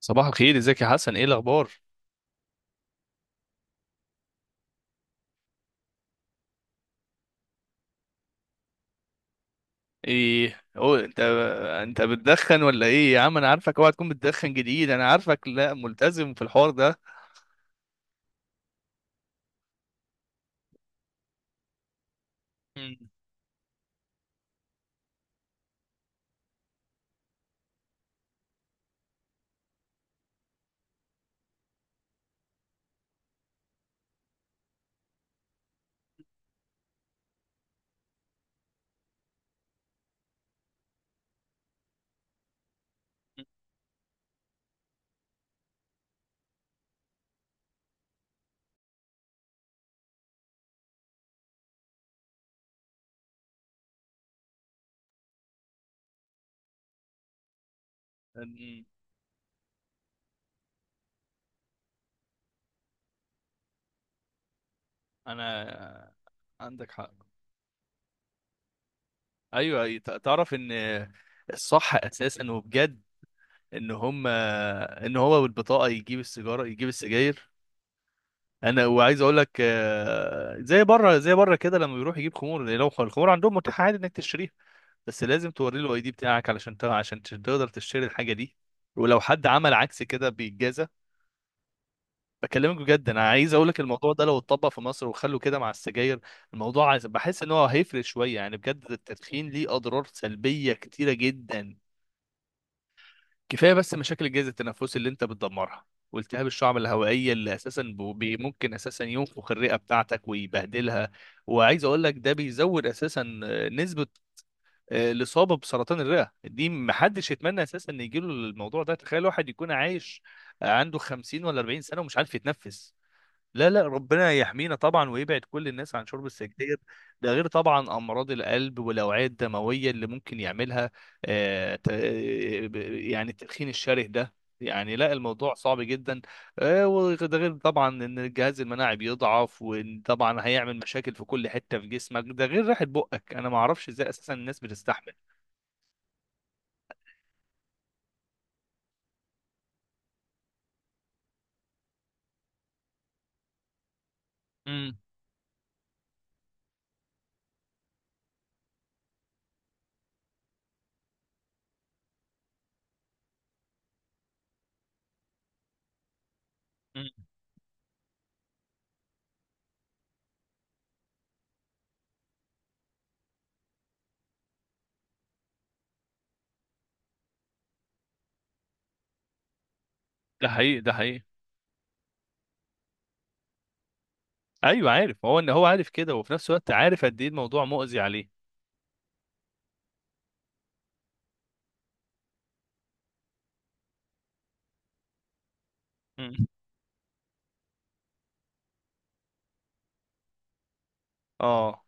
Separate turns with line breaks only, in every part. صباح الخير، ازيك يا حسن؟ ايه الاخبار؟ ايه هو انت بتدخن ولا ايه يا عم؟ انا عارفك، اوعى تكون بتدخن جديد. انا عارفك لا، ملتزم في الحوار ده. مم. مم. انا عندك حق. ايوه، تعرف ان الصح اساسا وبجد ان ان هو بالبطاقه يجيب يجيب السجاير. وعايز اقول لك، زي بره كده، لما بيروح يجيب خمور، لو الخمور عندهم متاح عادي انك تشتريها، بس لازم توري له الاي دي بتاعك علشان عشان تقدر تشتري الحاجه دي. ولو حد عمل عكس كده بيتجازى. بكلمك بجد، انا عايز اقول لك الموضوع ده لو اتطبق في مصر وخلوا كده مع السجاير، الموضوع بحس ان هو هيفرق شويه. يعني بجد التدخين ليه اضرار سلبيه كتيره جدا. كفايه بس مشاكل الجهاز التنفسي اللي انت بتدمرها، والتهاب الشعب الهوائيه اللي اساسا ممكن اساسا ينفخ الرئه بتاعتك ويبهدلها. وعايز اقول لك ده بيزود اساسا نسبه الاصابه بسرطان الرئه. دي محدش يتمنى اساسا ان يجيله الموضوع ده. تخيل واحد يكون عايش، عنده 50 ولا 40 سنه ومش عارف يتنفس. لا لا، ربنا يحمينا طبعا ويبعد كل الناس عن شرب السجاير. ده غير طبعا امراض القلب والاوعيه الدمويه اللي ممكن يعملها. يعني التدخين الشره ده، يعني لا الموضوع صعب جدا. وده غير طبعا ان الجهاز المناعي بيضعف، وطبعا هيعمل مشاكل في كل حته في جسمك، ده غير ريحه بقك. انا ما اعرفش ازاي اساسا الناس بتستحمل. امم امم ده حقيقي، ده حقيقي. ايوه عارف، هو ان هو عارف كده، وفي نفس الوقت عارف قد ايه الموضوع مؤذي عليه. امم اه،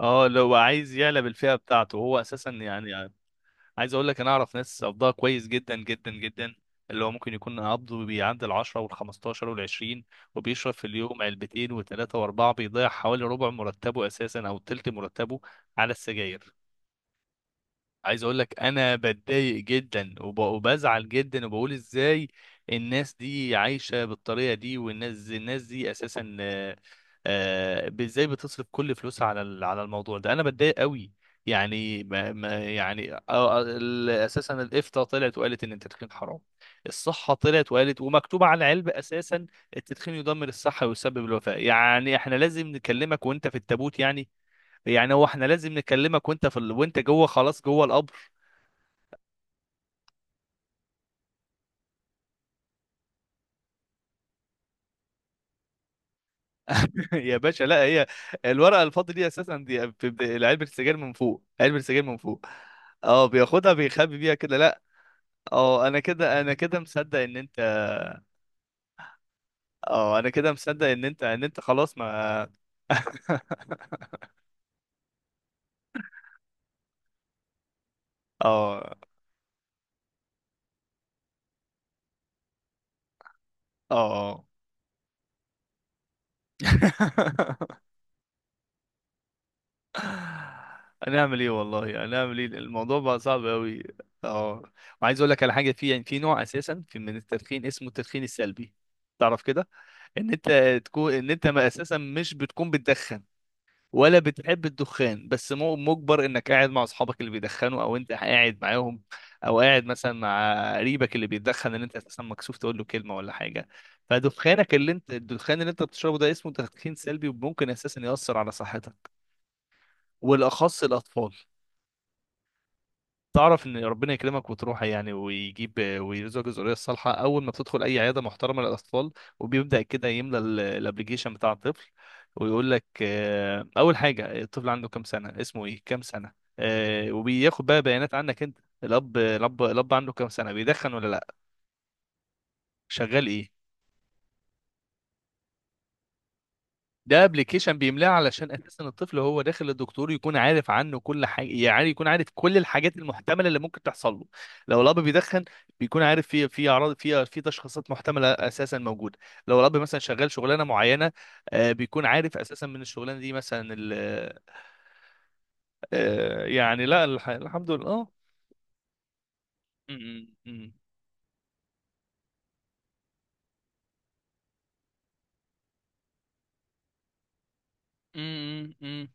اه. لو عايز يعلى بالفئه بتاعته هو اساسا يعني. عايز اقول لك، انا اعرف ناس قبضها كويس جدا جدا جدا، اللي هو ممكن يكون قبضه بيعدي ال 10 وال 15 وال 20، وبيشرب في اليوم علبتين وثلاثه واربعه، بيضيع حوالي ربع مرتبه اساسا او تلت مرتبه على السجاير. عايز اقول لك، انا بتضايق جدا وبزعل جدا، وبقول ازاي الناس دي عايشه بالطريقه دي؟ الناس دي اساسا ازاي بتصرف كل فلوسها على على الموضوع ده؟ انا بتضايق قوي. يعني يعني اساسا الافتاء طلعت وقالت ان التدخين حرام. الصحه طلعت وقالت، ومكتوب على العلبه اساسا التدخين يدمر الصحه ويسبب الوفاه. يعني احنا لازم نكلمك وانت في التابوت؟ يعني يعني هو احنا لازم نكلمك وانت في وانت جوه، خلاص جوه القبر؟ يا باشا لا، هي الورقه الفاضي دي اساسا، دي بتبقى علبه السجاير من فوق، علبه السجاير من فوق. اه، بياخدها بيخبي بيها كده، لا. اه، انا كده مصدق ان انت. اه، انا كده مصدق ان ان انت خلاص، ما. اه، اه. هنعمل ايه والله؟ هنعمل ايه؟ الموضوع بقى صعب قوي. اه، وعايز اقول لك على حاجه. في يعني في نوع اساسا في من التدخين اسمه التدخين السلبي. تعرف كده، ان انت تكون، ان انت ما اساسا مش بتكون بتدخن ولا بتحب الدخان، بس مجبر انك قاعد مع اصحابك اللي بيدخنوا او انت قاعد معاهم، او قاعد مثلا مع قريبك اللي بيدخن اللي انت اساسا مكسوف تقول له كلمه ولا حاجه. فدخانك اللي انت، الدخان اللي انت بتشربه ده، اسمه تدخين سلبي، وممكن اساسا ياثر على صحتك، والاخص الاطفال. تعرف ان ربنا يكرمك وتروح يعني ويجيب، ويرزقك الذريه الصالحه، اول ما بتدخل اي عياده محترمه للاطفال وبيبدا كده يملى الابلكيشن بتاع الطفل، ويقول لك اول حاجه الطفل عنده كام سنه، اسمه ايه، كام سنه. وبياخد بقى بيانات عنك انت، الاب عنده كام سنه، بيدخن ولا لا، شغال ايه. ده ابلكيشن بيملاه علشان اساسا الطفل هو داخل للدكتور، يكون عارف عنه كل حاجه، يعني يكون عارف كل الحاجات المحتمله اللي ممكن تحصل له. لو الاب بيدخن، بيكون عارف في اعراض، في تشخيصات محتمله اساسا موجوده. لو الاب مثلا شغال شغلانه معينه، بيكون عارف اساسا من الشغلانه دي مثلا يعني لا، الحمد لله. اه. م- م- م- م- م-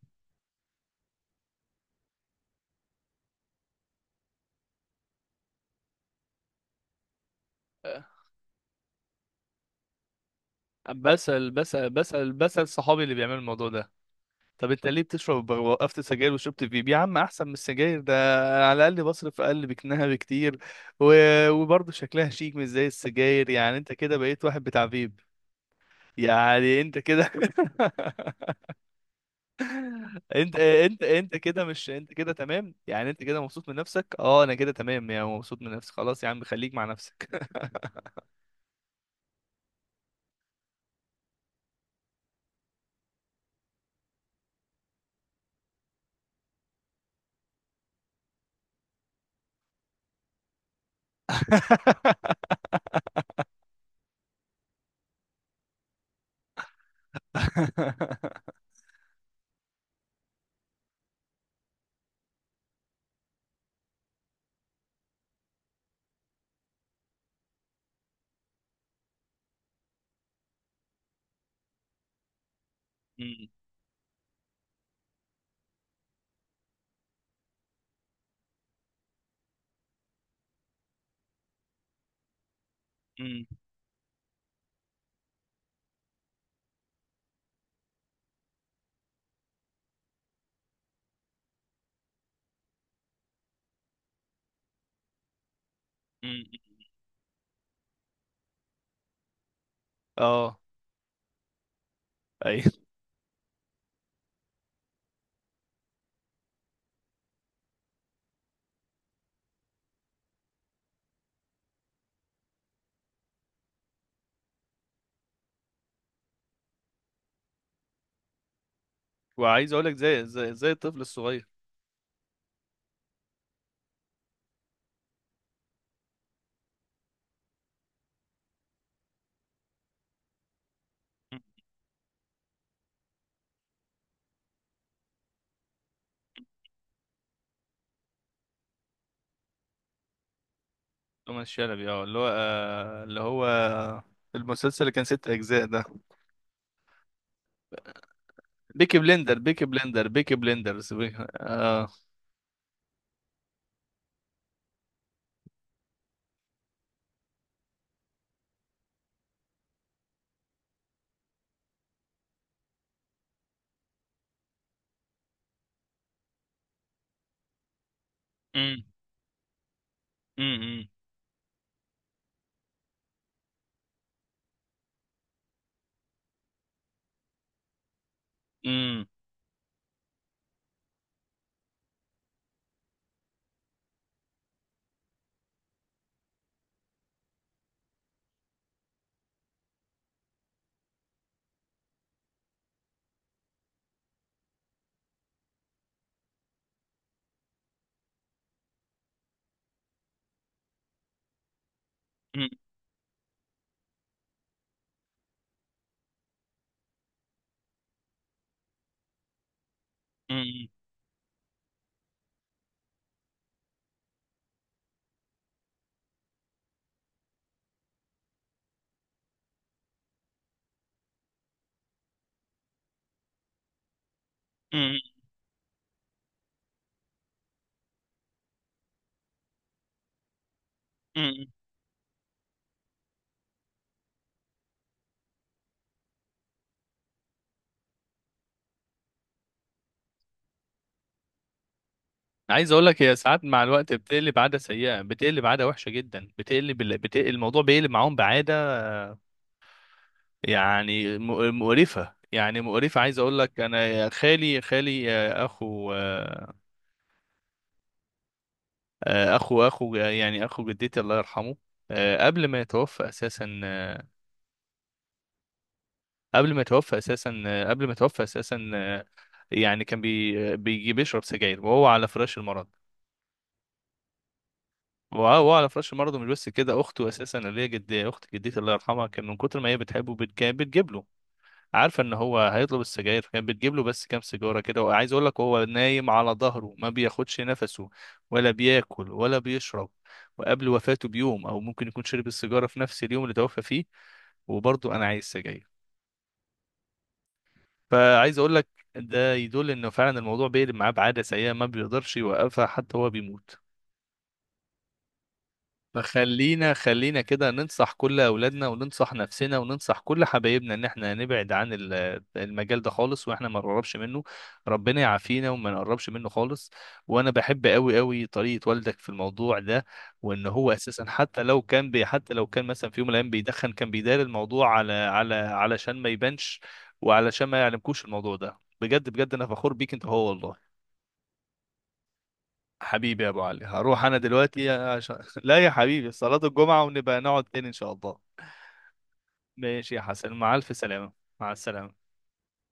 م. بسأل صحابي اللي بيعملوا الموضوع ده، طب انت ليه بتشرب؟ وقفت سجاير وشربت فيب يا عم احسن من السجاير ده، انا على الاقل بصرف اقل بكنها بكتير، و... وبرضه شكلها شيك مش زي السجاير. يعني انت كده بقيت واحد بتاع فيب، يعني انت كده. انت كده، مش انت كده تمام؟ يعني انت كده مبسوط من نفسك؟ اه انا كده تمام، يعني مبسوط من نفسي، خلاص يا عم، خليك مع نفسك. م- م- م- م. اه، ايوه. وعايز اقول لك زي الطفل الصغير. توماس شلبي، اه، اللي هو المسلسل اللي كان ست اجزاء ده. بيكي بلندرز، اه. أمم، أمم، أمم، أمم، أمم، أمم، أمم. عايز اقول لك، هي ساعات مع الوقت بتقلب عاده سيئه، بتقلب عاده وحشه جدا، الموضوع بيقلب معاهم بعاده. يعني مقرفه، يعني مقرفه. عايز اقول لك، انا خالي، آه، اخو آه، آه، اخو، يعني اخو جدتي الله يرحمه. آه، قبل ما يتوفى اساسا آه، قبل ما يتوفى اساسا آه، قبل ما يتوفى اساسا، يعني كان بيجي بيشرب سجاير وهو على فراش المرض. وهو على فراش المرض، ومش بس كده، اخته اساسا اللي هي جد، اخت جدتي الله يرحمها، كان من كتر ما هي بتحبه بتجيب له، عارفه ان هو هيطلب السجاير، فكانت بتجيب له بس كام سيجاره كده. وعايز اقول لك، وهو نايم على ظهره ما بياخدش نفسه ولا بياكل ولا بيشرب، وقبل وفاته بيوم، او ممكن يكون شرب السيجاره في نفس اليوم اللي توفى فيه، وبرضه انا عايز سجاير. فعايز اقول لك، ده يدل انه فعلا الموضوع بيقلب معاه بعاده سيئه ما بيقدرش يوقفها حتى هو بيموت. فخلينا كده ننصح كل اولادنا، وننصح نفسنا، وننصح كل حبايبنا ان احنا نبعد عن المجال ده خالص، واحنا ما نقربش منه. ربنا يعافينا وما نقربش منه خالص. وانا بحب قوي قوي طريقة والدك في الموضوع ده، وان هو اساسا حتى لو كان مثلا في يوم من الايام بيدخن، كان بيدار الموضوع على علشان ما يبانش، وعلشان ما يعلمكوش الموضوع ده. بجد بجد، انا فخور بيك انت، هو والله. حبيبي يا ابو علي، هروح انا دلوقتي عشان لا يا حبيبي صلاة الجمعة، ونبقى نقعد تاني ان شاء الله. ماشي يا حسن، مع الف سلامة. مع السلامة.